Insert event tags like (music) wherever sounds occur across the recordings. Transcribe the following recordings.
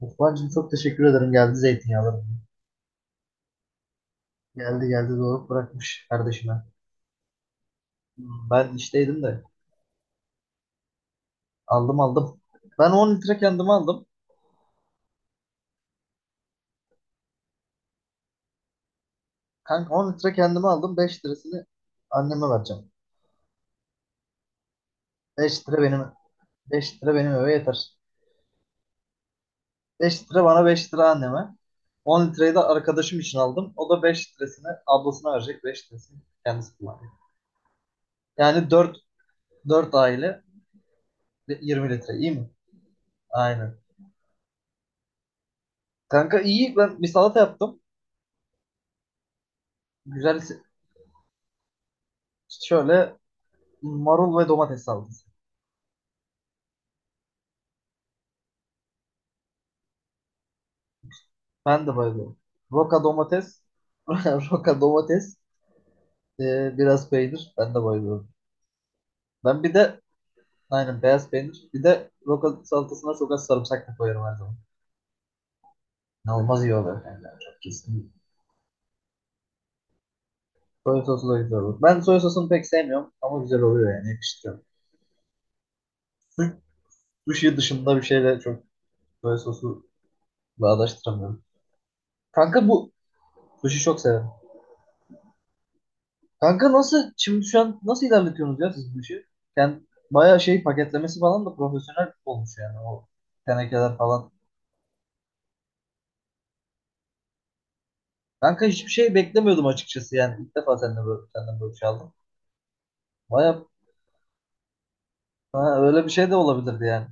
Osman'cığım çok teşekkür ederim. Geldi zeytinyağları. Geldi geldi, doğru bırakmış kardeşime. Ben işteydim de aldım aldım. Ben 10 litre kendime aldım. Kanka 10 litre kendime aldım. 5 lirasını anneme vereceğim. 5 lira benim 5 lira benim eve yeter. 5 lira bana, 5 lira anneme. 10 litreyi de arkadaşım için aldım. O da 5 lirasını ablasına verecek. 5 lirasını kendisi kullanacak. Yani 4 aile, 20 litre, iyi mi? Aynen. Kanka iyi, ben bir salata yaptım. Güzel, şöyle, marul ve domates salatası. Ben de bayılıyorum. Roka domates. (laughs) Roka domates. Biraz peynir. Ben de bayılıyorum. Ben bir de, aynen, beyaz peynir. Bir de roka salatasına çok az sarımsak da koyarım her zaman. İnanılmaz iyi oluyor. Yani çok kesin. Soya sosu da güzel olur. Ben soya sosunu pek sevmiyorum ama güzel oluyor, yani yakıştırıyorum. Su- Sushi dışında bir şeyle çok soya sosu bağdaştıramıyorum. Kanka bu sushi çok severim. Kanka nasıl şimdi, şu an nasıl ilerletiyorsunuz ya siz bu işi? Yani bayağı şey, paketlemesi falan da profesyonel olmuş yani, o tenekeler falan. Kanka hiçbir şey beklemiyordum açıkçası, yani ilk defa senden böyle bir şey aldım. Bayağı. Ha, Öyle bir şey de olabilirdi yani.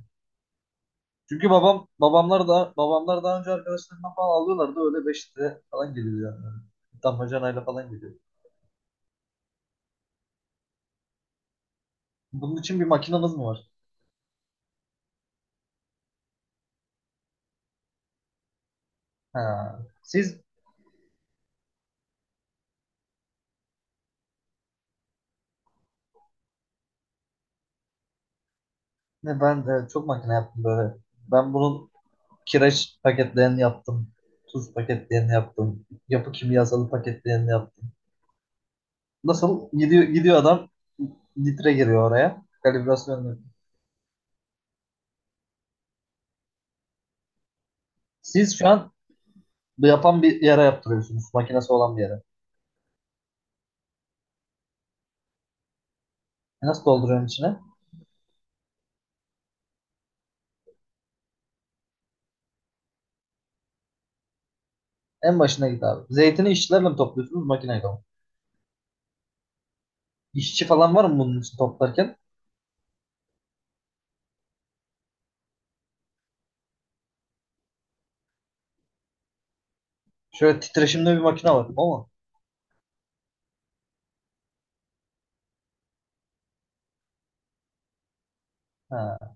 Çünkü babamlar daha önce arkadaşlarından falan alıyorlardı, öyle 5 lira falan geliyor yani. Damacanayla falan geliyor. Bunun için bir makinamız mı var? Ha. Ne, ben de çok makine yaptım böyle. Ben bunun Kireç paketlerini yaptım. Tuz paketlerini yaptım. Yapı kimyasalı paketlerini yaptım. Nasıl? Gidiyor, adam litre giriyor oraya. Kalibrasyonunu. Siz şu an bu yapan bir yere yaptırıyorsunuz, makinesi olan bir yere. E, nasıl dolduruyorsun içine? En başına git abi. Zeytini işçilerle mi topluyorsunuz, makineyle mi? İşçi falan var mı bunun için toplarken? Şöyle titreşimli bir makine var. O mu? Ha,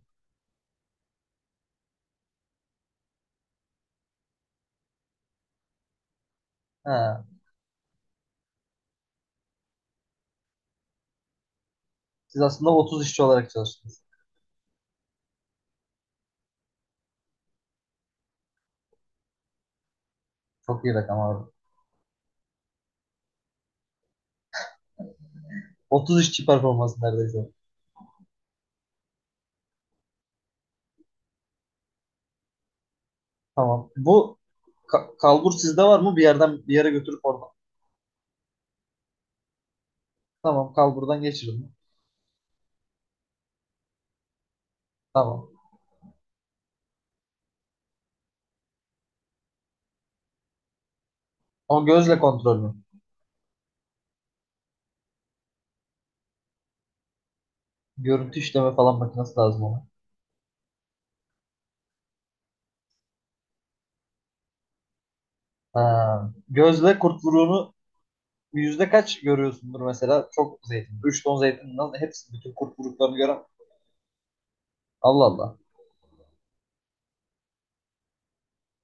ha. Siz aslında 30 işçi olarak çalıştınız. Çok iyi rakam abi. 30 işçi performansı neredeyse. Tamam. Bu kalbur sizde var mı? Bir yerden bir yere götürüp oradan. Tamam, kalburdan geçirin. Tamam. O, gözle kontrol mü? Görüntü işleme falan makinesi lazım ona. Ha. Gözle kurt vuruğunu yüzde kaç görüyorsundur mesela? Çok zeytin. 3 ton zeytin, nasıl? Hepsi bütün kurt vuruklarını gören. Allah Allah.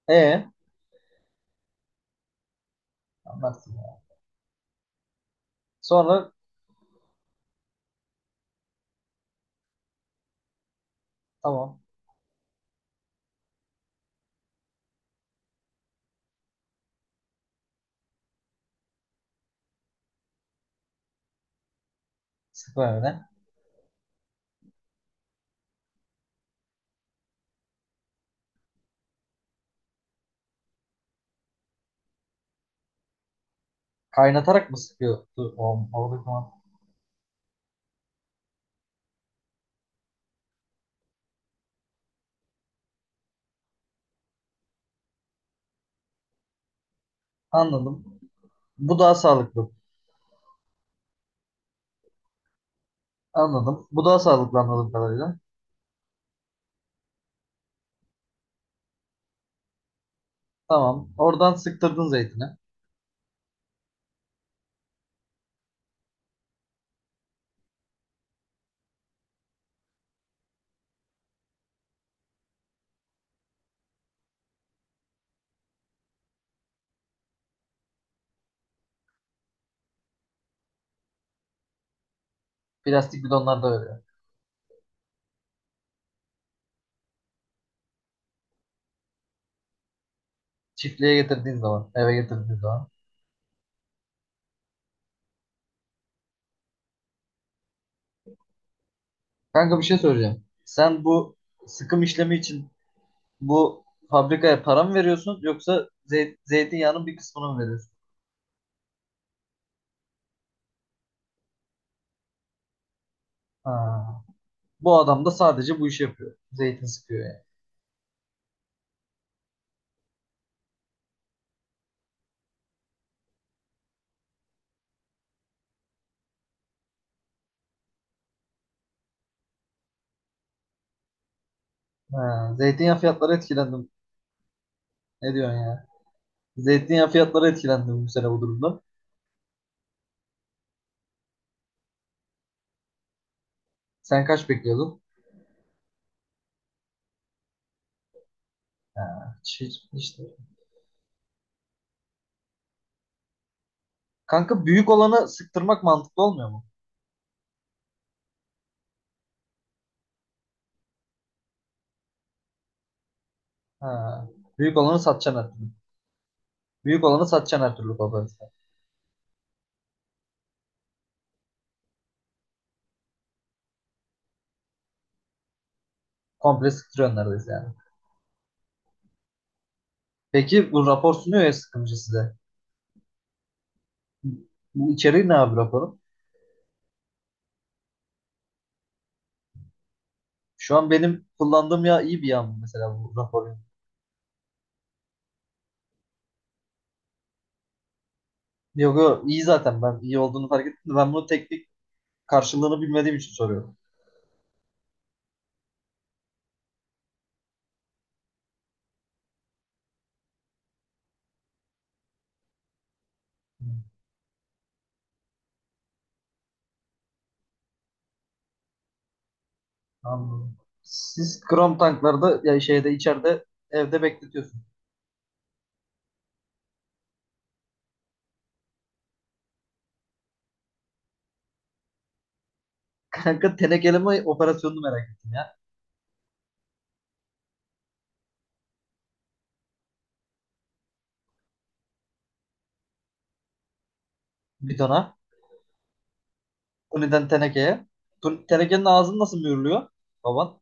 E, anlarsın ya. Sonra tamam. Sıkma öyle. Kaynatarak mı sıkıyordu? Anladım. Bu daha sağlıklı. Anladım. Bu daha sağlıklı anladığım kadarıyla. Tamam. Oradan sıktırdın zeytini. Plastik bidonlarda öyle. Çiftliğe getirdiğin zaman, eve getirdiğin zaman. Kanka bir şey soracağım. Sen bu sıkım işlemi için bu fabrikaya para mı veriyorsun, yoksa zeytinyağının bir kısmını mı veriyorsun? Ha. Bu adam da sadece bu işi yapıyor. Zeytin sıkıyor yani. Ha. Zeytinyağı fiyatları etkilendim. Ne diyorsun ya? Zeytinyağı fiyatları etkilendim bu sene bu durumda. Sen kaç bekliyordun? Ha. Hiç, hiç. Kanka büyük olanı sıktırmak mantıklı olmuyor mu? Ha. Büyük olanı satacaksın her türlü. Büyük olanı satacaksın her türlü kafanızda. Komple sıktırıyorsun neredeyse yani. Peki bu rapor sunuyor ya sıkımcı size. Bu içeriği ne abi raporun? Şu an benim kullandığım yağ iyi bir yağ mı mesela, bu raporun? Yok yok, iyi zaten, ben iyi olduğunu fark ettim de. Ben bunu teknik karşılığını bilmediğim için soruyorum. Hı. Anladım. Siz krom tanklarda ya, şeyde içeride evde bekletiyorsun. (laughs) Kanka tenekeleme operasyonunu merak ettim ya. Bidona. Tuni'den tenekeye. Tenekenin ağzını nasıl mühürlüyor baban?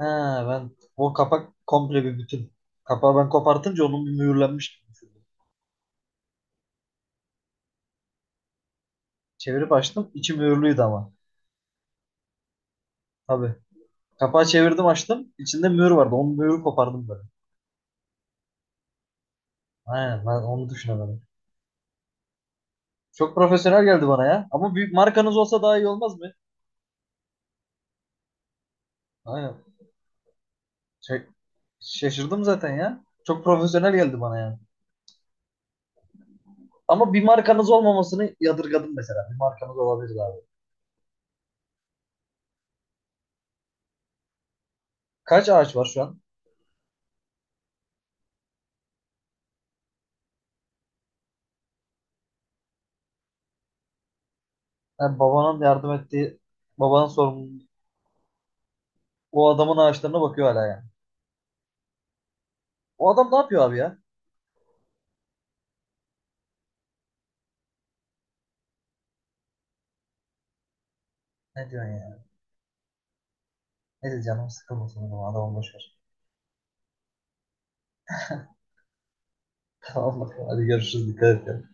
He, ben o kapak komple bir bütün. Kapağı ben kopartınca onun bir mühürlenmiş gibi düşündüm. Çevirip açtım, içi mühürlüydü ama. Tabii. Kapağı çevirdim, açtım. İçinde mühür vardı. Onun mühürü kopardım böyle. Aynen, ben onu düşünemedim. Çok profesyonel geldi bana ya. Ama büyük markanız olsa daha iyi olmaz mı? Aynen. Şey- Şaşırdım zaten ya. Çok profesyonel geldi bana yani. Ama bir markanız olmamasını yadırgadım mesela. Bir markanız olabilir abi. Kaç ağaç var şu an? Yani babanın yardım ettiği, babanın sorumluluğu. O adamın ağaçlarına bakıyor hala yani. O adam ne yapıyor abi ya? Ne diyorsun ya? Neyse canım sıkılmasın, o adamı boş ver. (laughs) Tamam bakalım, hadi görüşürüz, dikkat et ya.